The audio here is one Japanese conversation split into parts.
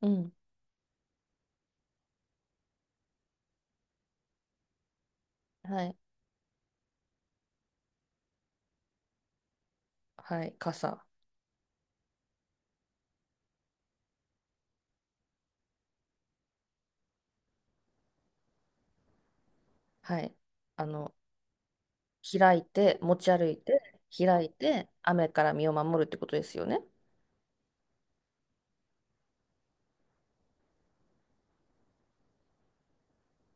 うん。はい。はい。傘。はい。あの、開いて、持ち歩いて、開いて、雨から身を守るってことですよね。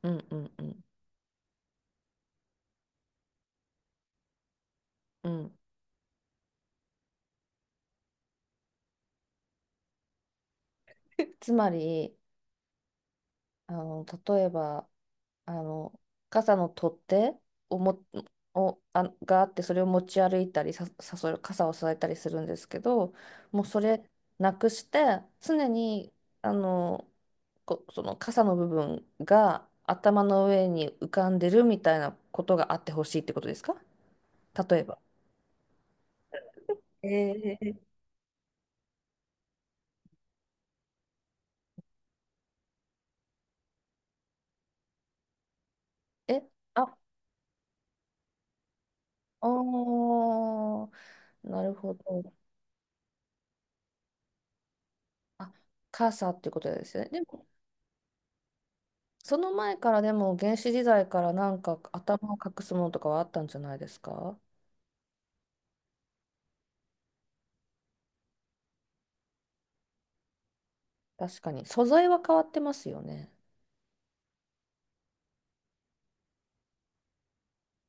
うんうんうん。うん。つまり、例えば、あの、傘の取っ手をも、を、あ、があって、それを持ち歩いたり、それ、傘を支えたりするんですけど、もうそれなくして、常に、あの、その傘の部分が頭の上に浮かんでるみたいなことがあってほしいってことですか？例えば。えーえ、あ、おー、なるほど。あ、傘っていうことですよね。でもその前からでも原始時代からなんか頭を隠すものとかはあったんじゃないですか？確かに。素材は変わってますよね。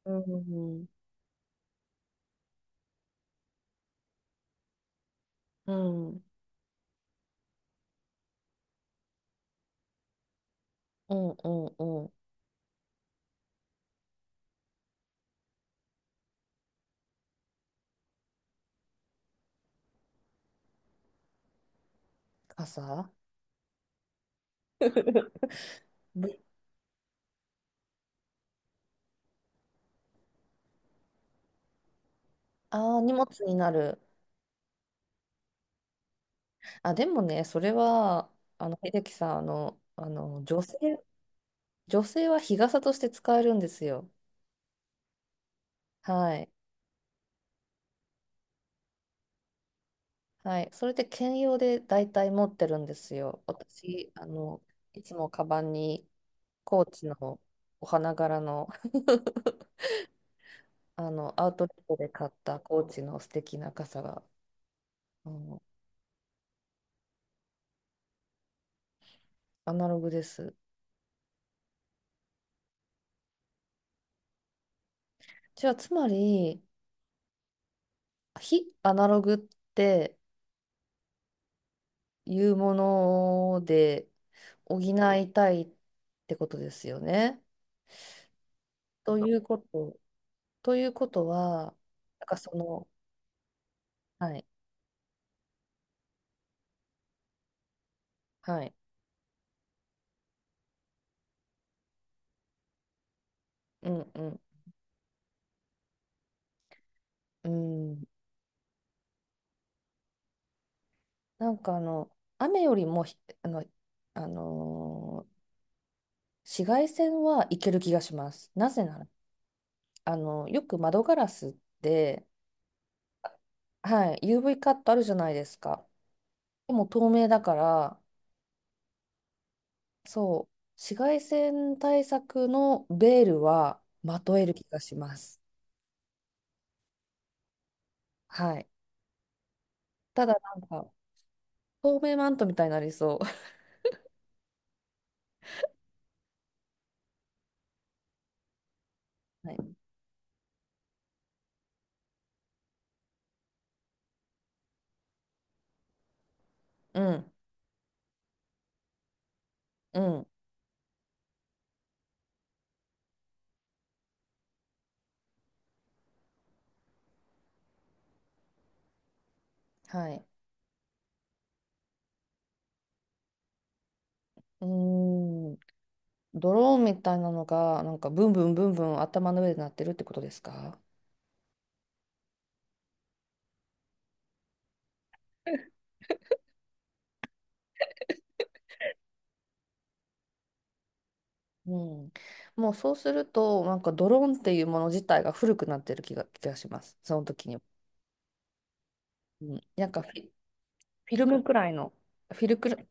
うん。うん。うんうんうん。傘。 ぶああ、荷物になる。あ、でもね、それは、秀樹さん、女性は日傘として使えるんですよ。はい。はい、それで兼用で大体持ってるんですよ。私、いつもカバンにコーチのお花柄の。 アウトレットで買ったコーチの素敵な傘が、あのアナログです。じゃあ、つまり、非アナログっていうもので補いたいってことですよね。ということ、ということは、なんかその、はい、はい、うんうん。うん、なんか、雨よりもひ、あの、あのー紫外線はいける気がします。なぜなら、よく窓ガラスって、はい、UV カットあるじゃないですか。でも透明だから、そう、紫外線対策のベールはまとえる気がします。はい。ただなんか、透明マントみたいになりそう。はい。うん、うん、はい。うーん。ドローンみたいなのが、なんかブンブンブンブン頭の上で鳴ってるってことですか？うん。もうそうすると、なんかドローンっていうもの自体が古くなってる気がします。その時に。うん。なんかフィルムくらいの、フィルクル、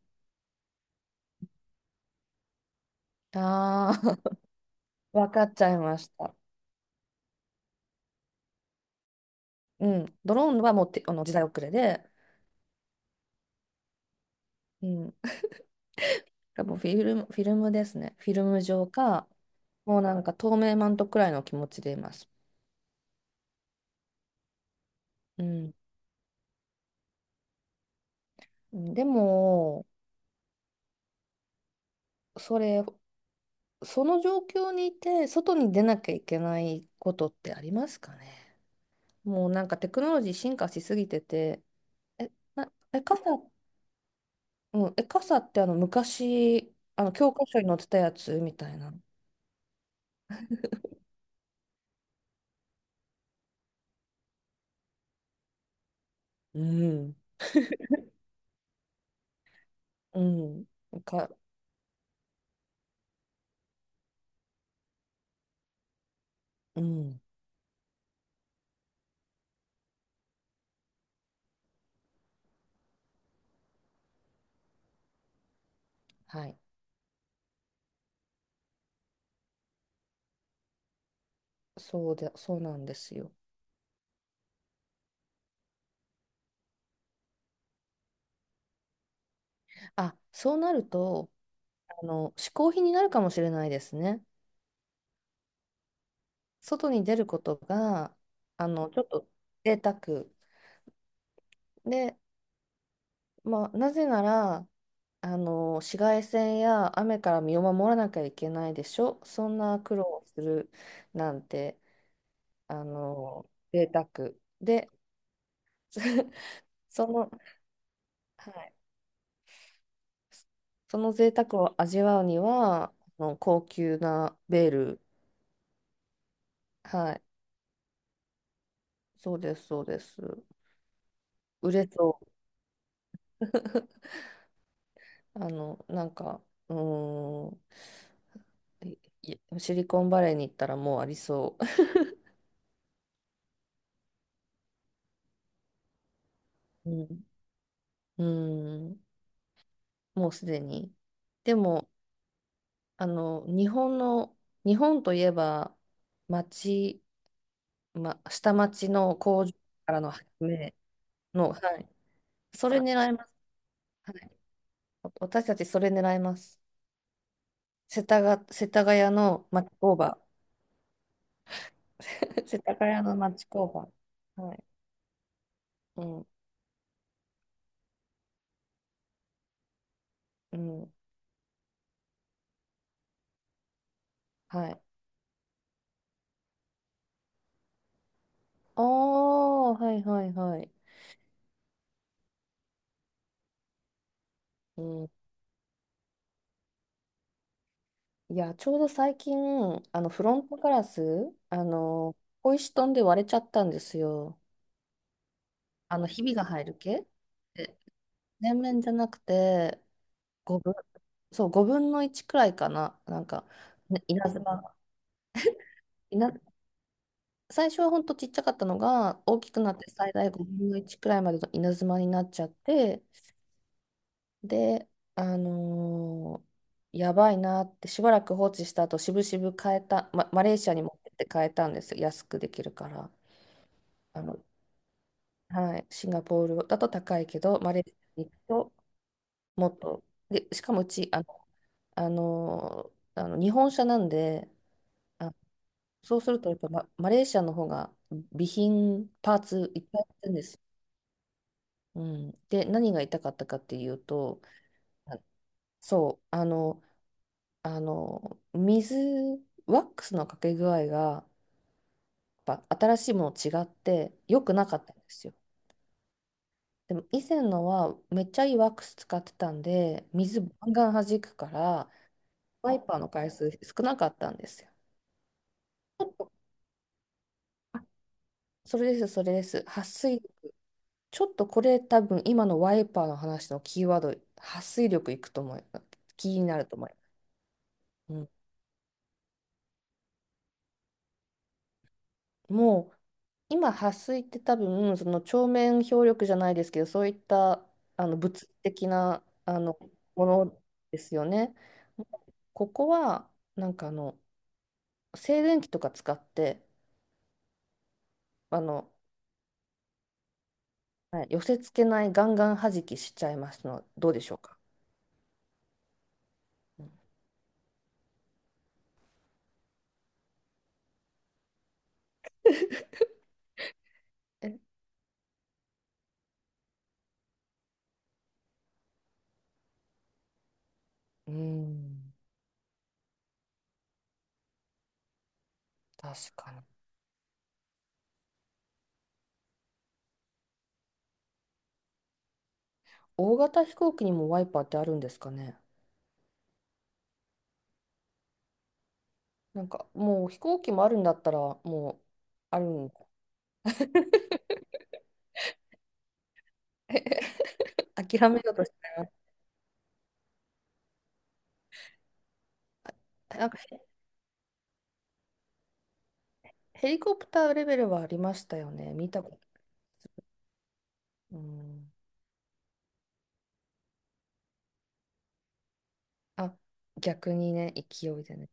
ああ。わかっちゃいました。うん。ドローンはもうて、あの時代遅れで、うん。多分フィルムですね。フィルム状か、もうなんか透明マントくらいの気持ちでいます。うん。でも、それその状況にいて、外に出なきゃいけないことってありますかね？もうなんかテクノロジー進化しすぎてて、え、な、え、傘、うん、え、傘ってあの昔、あの教科書に載ってたやつみたいな。うん、うん、うん、はい。そうで、そうなんですよ。あ、そうなると、嗜好品になるかもしれないですね。外に出ることが、ちょっと贅沢。で、まあ、なぜなら、紫外線や雨から身を守らなきゃいけないでしょ。そんな苦労をするなんて、あの、贅沢で。その、はい、その贅沢を味わうには、高級なベール、はい、そうです、そうです。売れそう。なんか、うーん、いいシリコンバレーに行ったらもうありそう。うん、うん、もうすでに。でも、あの、日本の、日本といえば、町、下町の工場からの発明の、はい。それ狙います。はい。私たちそれ狙います。世田谷の町工場。世田谷の町工場。はい。うん、うん、はい。ああ、はいはいはい。うん、いや、ちょうど最近、フロントガラス、小石飛んで割れちゃったんですよ。ひびが入る系で全面じゃなくて、5分、そう、5分の1くらいかな。なんか、ね稲妻が、稲、最初はほんとちっちゃかったのが、大きくなって最大5分の1くらいまでの稲妻になっちゃって、で、あのーやばいなって、しばらく放置した後、しぶしぶ変えた、ま、マレーシアに持ってって変えたんですよ。安くできるから。あの、はい、シンガポールだと高いけど、マレーシアに行くともっと、で、しかもうち、日本車なんで、あ、そうするとやっぱマレーシアの方が備品、パーツいっぱいあるんですよ。うん、で、何が痛かったかっていうと、あ、そう、あの、水、ワックスのかけ具合が、やっぱ新しいもの違って良くなかったんですよ。でも以前のはめっちゃいいワックス使ってたんで、水バンガン弾くから、ワイパーの回数少なかったんですよ。それです、それです。撥水、ちょっとこれ多分今のワイパーの話のキーワード、撥水力いくと思い、気になると思います。うん、もう今、撥水って多分その鏡面表力じゃないですけど、そういった物理的なものですよね。ここはなんか静電気とか使ってあの、はい、寄せ付けないガンガン弾きしちゃいますのどうでしょうか？うーん、確かに。大型飛行機にもワイパーってあるんですかね？なんかもう飛行機もあるんだったらもうあるん。 諦めようとしてます。なんかヘリコプターレベルはありましたよね。見たこと。うん。あ、逆にね、勢いでね。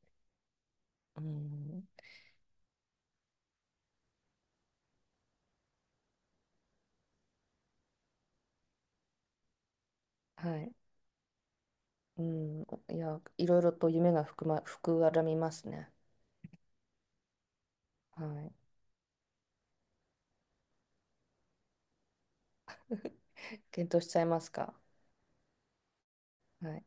うん。はい。うん。いや、いろいろと夢が膨らみますね。はい。検討しちゃいますか。はい。